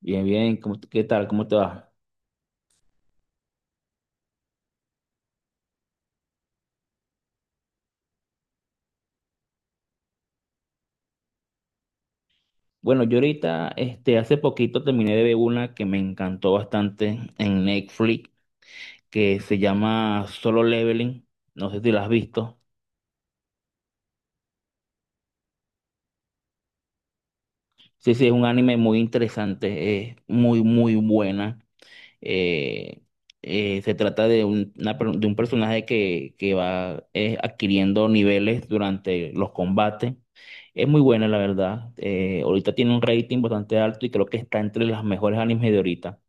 Bien, bien, ¿cómo, qué tal? ¿Cómo te va? Bueno, yo ahorita, hace poquito terminé de ver una que me encantó bastante en Netflix, que se llama Solo Leveling. No sé si la has visto. Sí, sí, es un anime muy interesante, es muy, muy buena. Eh, Se trata de un personaje que va adquiriendo niveles durante los combates. Es muy buena, la verdad. Ahorita tiene un rating bastante alto y creo que está entre las mejores animes de ahorita.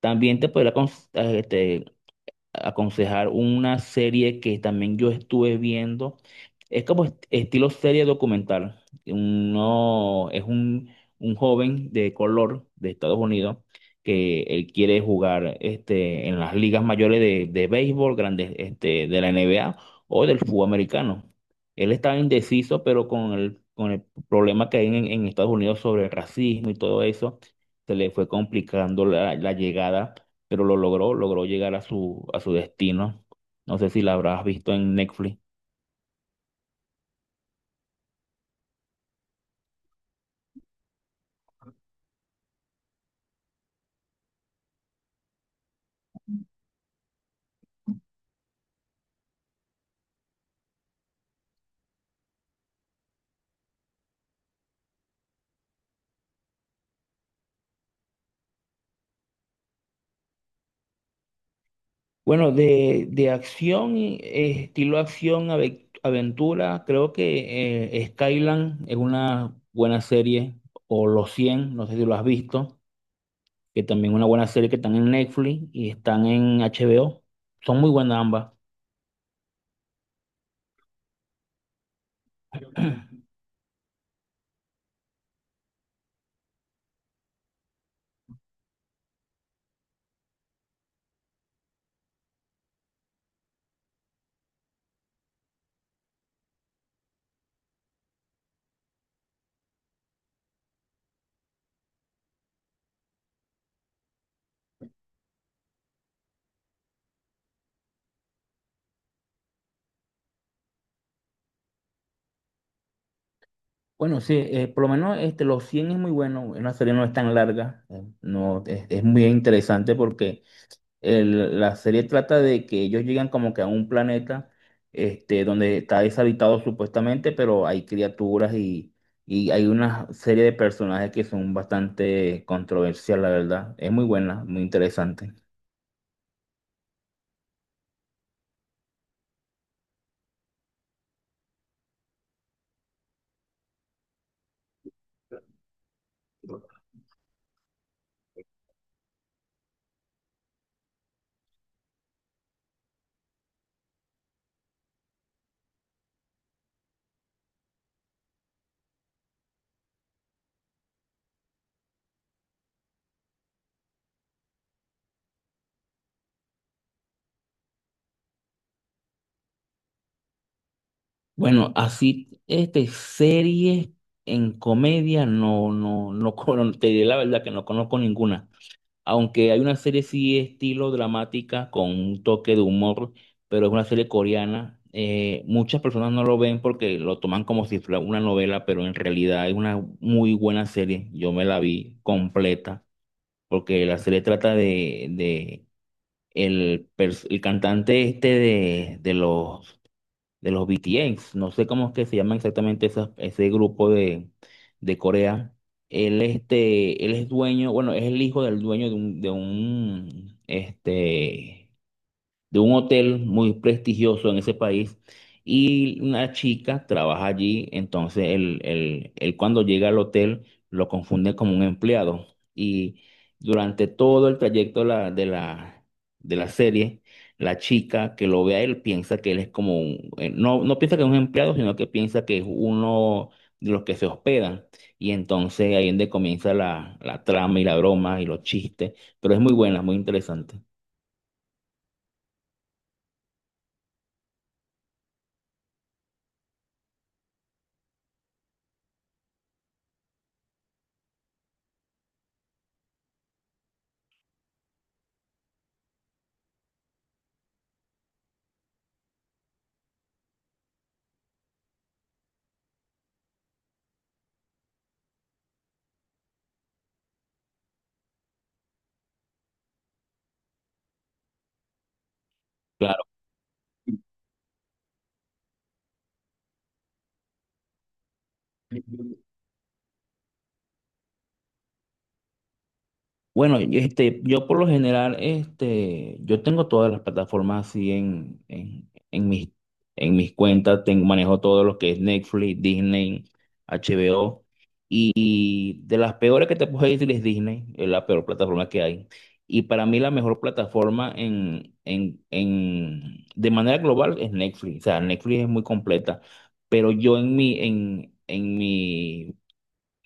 También te podría aconsejar una serie que también yo estuve viendo. Es como estilo serie documental. Uno, es un joven de color de Estados Unidos que él quiere jugar en las ligas mayores de béisbol, grandes, de la NBA o del fútbol americano. Él está indeciso, pero con el problema que hay en Estados Unidos sobre el racismo y todo eso, se le fue complicando la llegada, pero lo logró, logró llegar a a su destino. No sé si la habrás visto en Netflix. Bueno, de acción, estilo acción, aventura, creo que Skyland es una buena serie, o Los cien, no sé si lo has visto, que también es una buena serie que están en Netflix y están en HBO. Son muy buenas ambas. Bueno, sí, por lo menos Los cien es muy bueno, una serie no es tan larga, no, es muy interesante porque la serie trata de que ellos llegan como que a un planeta, donde está deshabitado supuestamente, pero hay criaturas y hay una serie de personajes que son bastante controversial, la verdad. Es muy buena, muy interesante. Bueno, así, series en comedia, no, no, no, te diré la verdad que no conozco ninguna. Aunque hay una serie sí estilo dramática con un toque de humor, pero es una serie coreana. Muchas personas no lo ven porque lo toman como si fuera una novela, pero en realidad es una muy buena serie. Yo me la vi completa porque la serie trata de el cantante de los BTS, no sé cómo es que se llaman exactamente ese grupo de Corea. Él, él es dueño, bueno, es el hijo del dueño de de un hotel muy prestigioso en ese país, y una chica trabaja allí, entonces él cuando llega al hotel lo confunde como un empleado y durante todo el trayecto de la serie, la chica que lo ve a él piensa que él es como un, no, no piensa que es un empleado, sino que piensa que es uno de los que se hospedan. Y entonces ahí es donde comienza la trama y la broma y los chistes, pero es muy buena, muy interesante. Claro. Bueno, y yo por lo general, yo tengo todas las plataformas así en mis cuentas, tengo, manejo todo lo que es Netflix, Disney, HBO. Y de las peores que te puedo decir es Disney, es la peor plataforma que hay. Y para mí la mejor plataforma de manera global es Netflix. O sea, Netflix es muy completa. Pero yo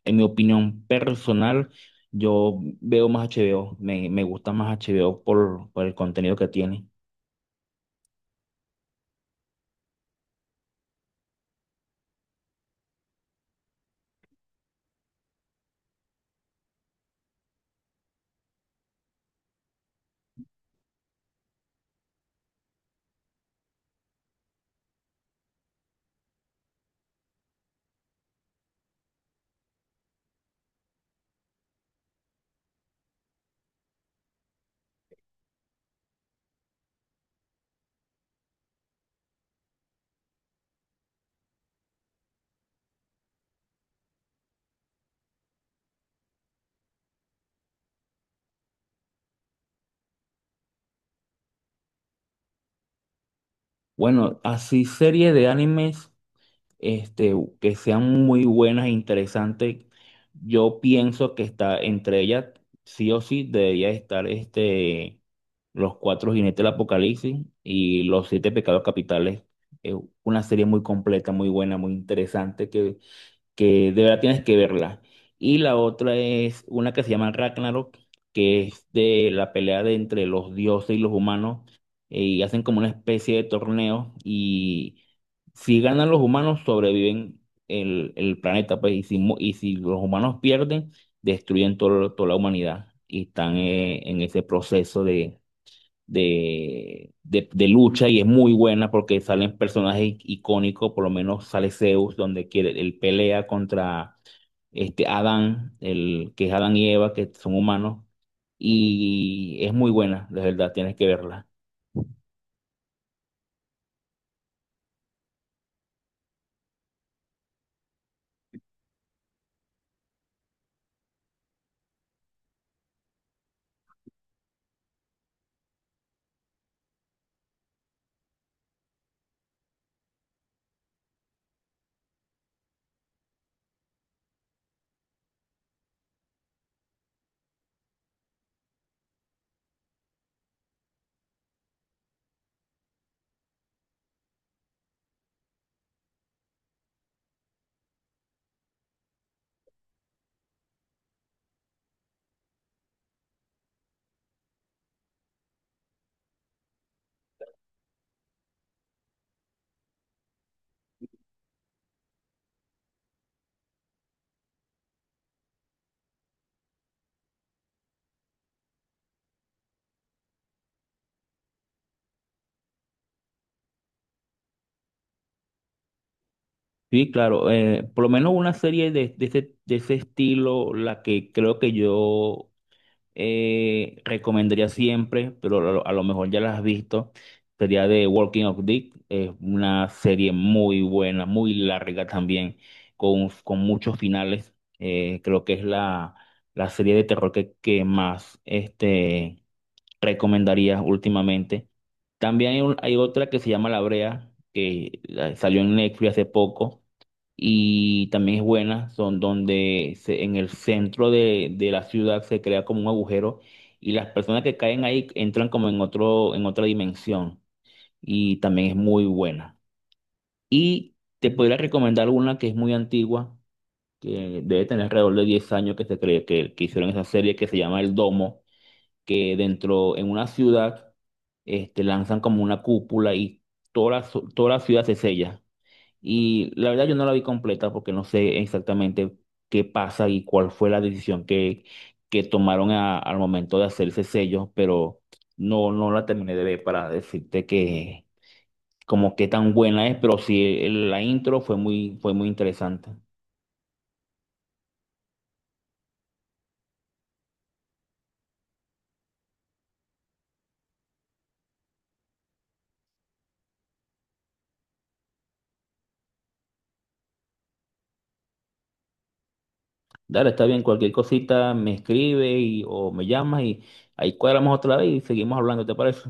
en mi opinión personal, yo veo más HBO, me gusta más HBO por el contenido que tiene. Bueno, así series de animes, este, que sean muy buenas e interesantes, yo pienso que está entre ellas, sí o sí, debería estar Los Cuatro Jinetes del Apocalipsis y Los Siete Pecados Capitales. Es una serie muy completa, muy buena, muy interesante, que de verdad tienes que verla. Y la otra es una que se llama Ragnarok, que es de la pelea de entre los dioses y los humanos, y hacen como una especie de torneo, y si ganan los humanos, sobreviven el planeta, pues, y y si los humanos pierden, destruyen toda la humanidad, y están en ese proceso de lucha, y es muy buena porque salen personajes icónicos. Por lo menos sale Zeus, donde quiere, él pelea contra Adán, que es Adán y Eva, que son humanos, y es muy buena, de verdad, tienes que verla. Sí, claro, por lo menos una serie de ese estilo, la que creo que yo recomendaría siempre, pero a lo mejor ya la has visto, sería de Walking of Dick. Es una serie muy buena, muy larga también, con muchos finales. Creo que es la serie de terror que más recomendaría últimamente. También hay, hay otra que se llama La Brea, que salió en Netflix hace poco y también es buena. Son donde en el centro de la ciudad se crea como un agujero y las personas que caen ahí entran como en en otra dimensión, y también es muy buena. Y te podría recomendar una que es muy antigua, que debe tener alrededor de 10 años que se cree que hicieron esa serie, que se llama El Domo, que dentro en una ciudad, lanzan como una cúpula y toda toda la ciudad se sella. Y la verdad yo no la vi completa porque no sé exactamente qué pasa y cuál fue la decisión que tomaron al momento de hacer ese sello, pero no, no la terminé de ver para decirte que como qué tan buena es, pero sí la intro fue muy interesante. Dale, está bien, cualquier cosita me escribe y, o me llama y ahí cuadramos otra vez y seguimos hablando, ¿te parece?